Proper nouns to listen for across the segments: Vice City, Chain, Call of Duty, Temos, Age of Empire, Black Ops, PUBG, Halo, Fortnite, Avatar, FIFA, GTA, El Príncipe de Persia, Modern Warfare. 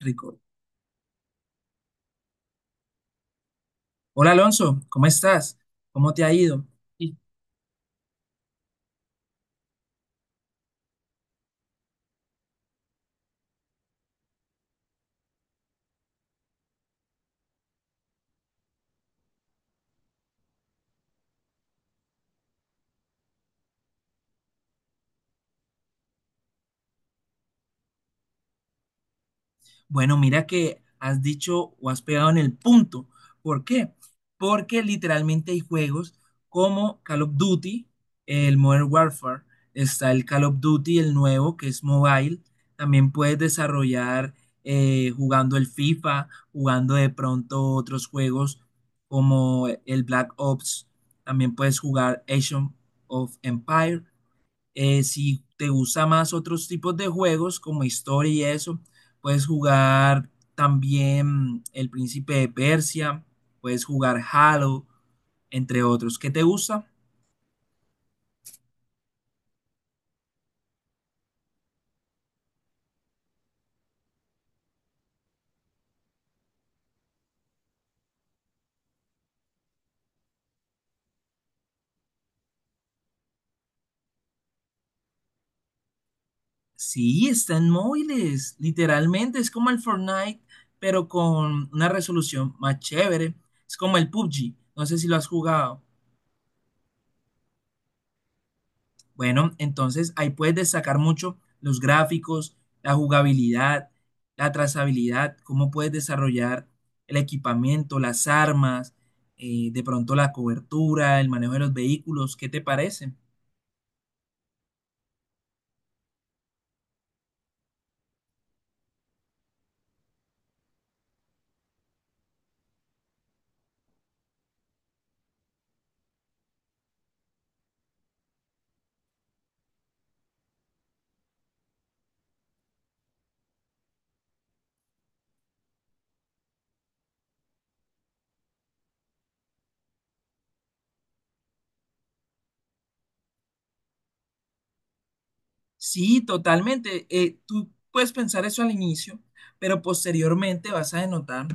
Rico. Hola Alonso, ¿cómo estás? ¿Cómo te ha ido? Y, Bueno, mira que has dicho o has pegado en el punto. ¿Por qué? Porque literalmente hay juegos como Call of Duty, el Modern Warfare, está el Call of Duty, el nuevo, que es mobile. También puedes desarrollar jugando el FIFA, jugando de pronto otros juegos como el Black Ops. También puedes jugar Age of Empire. Si te gusta más otros tipos de juegos como historia y eso, puedes jugar también El Príncipe de Persia, puedes jugar Halo, entre otros. ¿Qué te gusta? Sí, está en móviles, literalmente es como el Fortnite, pero con una resolución más chévere. Es como el PUBG, no sé si lo has jugado. Bueno, entonces ahí puedes destacar mucho los gráficos, la jugabilidad, la trazabilidad, cómo puedes desarrollar el equipamiento, las armas, de pronto la cobertura, el manejo de los vehículos. ¿Qué te parece? Sí, totalmente. Tú puedes pensar eso al inicio, pero posteriormente vas a denotar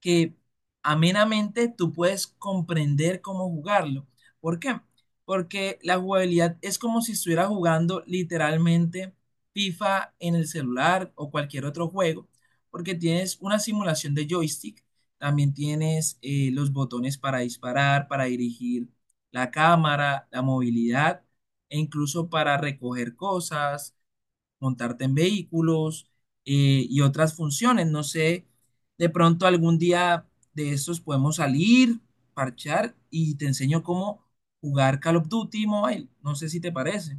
que amenamente tú puedes comprender cómo jugarlo. ¿Por qué? Porque la jugabilidad es como si estuvieras jugando literalmente FIFA en el celular o cualquier otro juego, porque tienes una simulación de joystick, también tienes los botones para disparar, para dirigir la cámara, la movilidad e incluso para recoger cosas, montarte en vehículos y otras funciones. No sé, de pronto algún día de estos podemos salir, parchar y te enseño cómo jugar Call of Duty Mobile. No sé si te parece.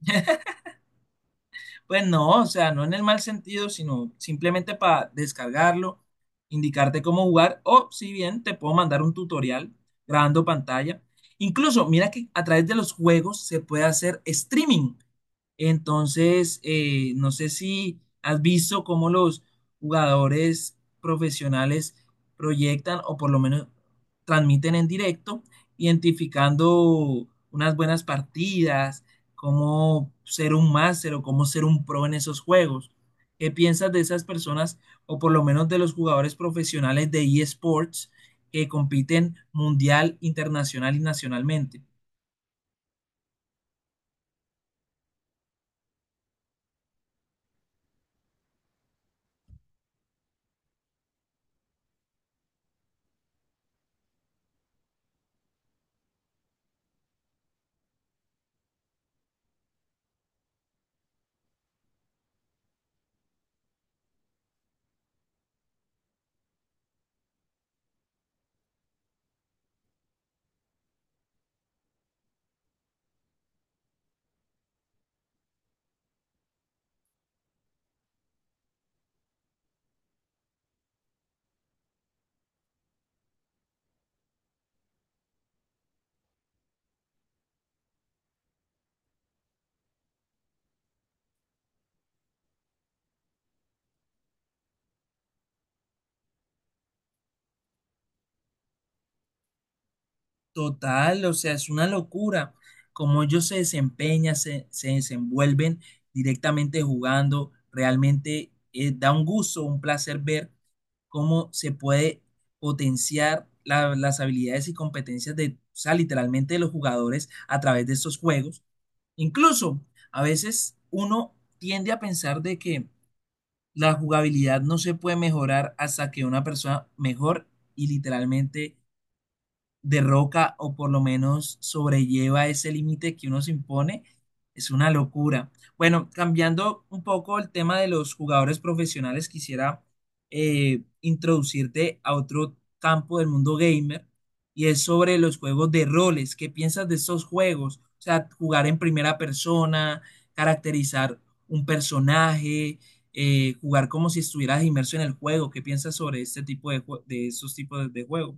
Pues no, o sea, no en el mal sentido, sino simplemente para descargarlo, indicarte cómo jugar, o si bien te puedo mandar un tutorial grabando pantalla. Incluso, mira que a través de los juegos se puede hacer streaming. Entonces, no sé si has visto cómo los jugadores profesionales proyectan o por lo menos transmiten en directo, identificando unas buenas partidas, cómo ser un máster o cómo ser un pro en esos juegos. ¿Qué piensas de esas personas o por lo menos de los jugadores profesionales de eSports que compiten mundial, internacional y nacionalmente? Total, o sea, es una locura cómo ellos se desempeñan, se desenvuelven directamente jugando, realmente da un gusto, un placer ver cómo se puede potenciar las habilidades y competencias de, o sea, literalmente de los jugadores a través de estos juegos. Incluso a veces uno tiende a pensar de que la jugabilidad no se puede mejorar hasta que una persona mejor y literalmente derroca o por lo menos sobrelleva ese límite que uno se impone. Es una locura. Bueno, cambiando un poco el tema de los jugadores profesionales, quisiera introducirte a otro campo del mundo gamer y es sobre los juegos de roles. ¿Qué piensas de esos juegos? O sea, jugar en primera persona, caracterizar un personaje, jugar como si estuvieras inmerso en el juego. ¿Qué piensas sobre este tipo de esos tipos de juegos?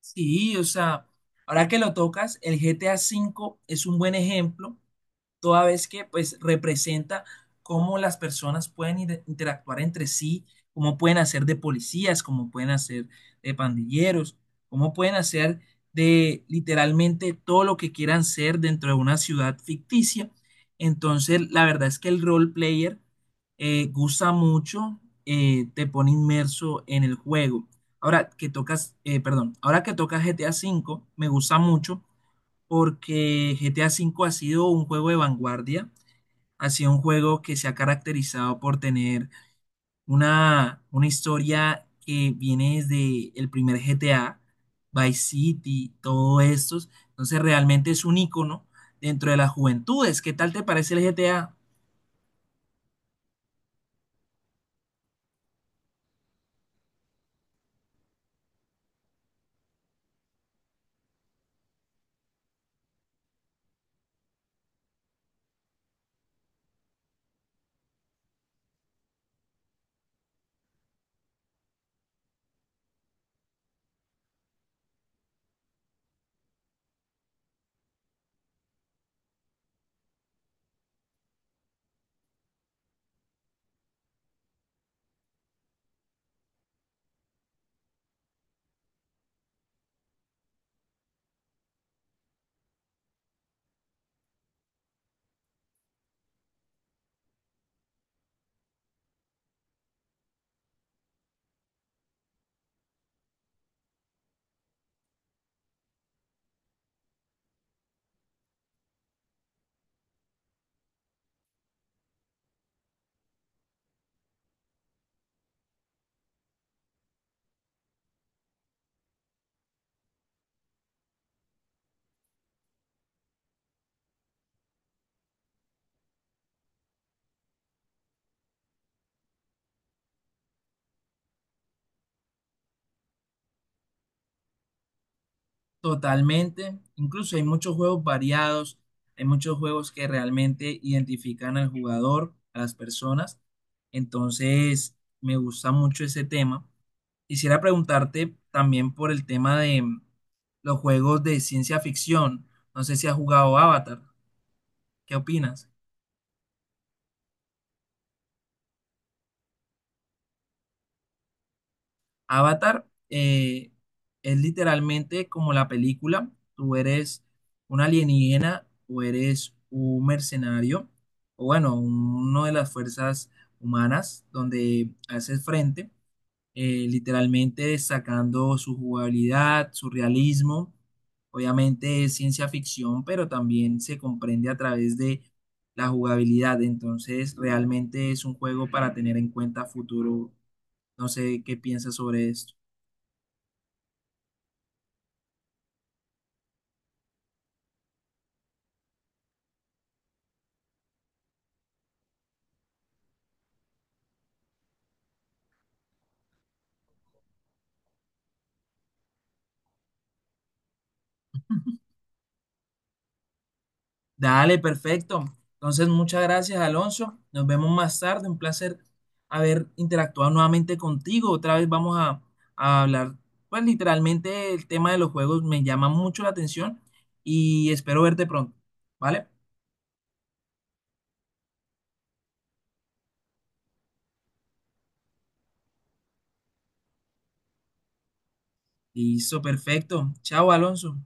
Sí, o sea, ahora que lo tocas, el GTA V es un buen ejemplo toda vez que pues representa cómo las personas pueden interactuar entre sí, cómo pueden hacer de policías, cómo pueden hacer de pandilleros, cómo pueden hacer de literalmente todo lo que quieran ser dentro de una ciudad ficticia. Entonces, la verdad es que el role player gusta mucho, te pone inmerso en el juego. Ahora que tocas, perdón, ahora que tocas GTA V, me gusta mucho porque GTA V ha sido un juego de vanguardia, ha sido un juego que se ha caracterizado por tener una historia que viene desde el primer GTA, Vice City, todos estos. Entonces realmente es un icono dentro de las juventudes. ¿Qué tal te parece el GTA? Totalmente. Incluso hay muchos juegos variados, hay muchos juegos que realmente identifican al jugador, a las personas. Entonces, me gusta mucho ese tema. Quisiera preguntarte también por el tema de los juegos de ciencia ficción. No sé si has jugado Avatar. ¿Qué opinas? Avatar es literalmente como la película. Tú eres un alienígena o eres un mercenario, o bueno, uno de las fuerzas humanas donde haces frente, literalmente sacando su jugabilidad, su realismo. Obviamente es ciencia ficción, pero también se comprende a través de la jugabilidad. Entonces, realmente es un juego para tener en cuenta a futuro. No sé qué piensas sobre esto. Dale, perfecto. Entonces, muchas gracias, Alonso. Nos vemos más tarde. Un placer haber interactuado nuevamente contigo. Otra vez vamos a hablar, pues literalmente el tema de los juegos me llama mucho la atención y espero verte pronto. ¿Vale? Listo, perfecto. Chao, Alonso.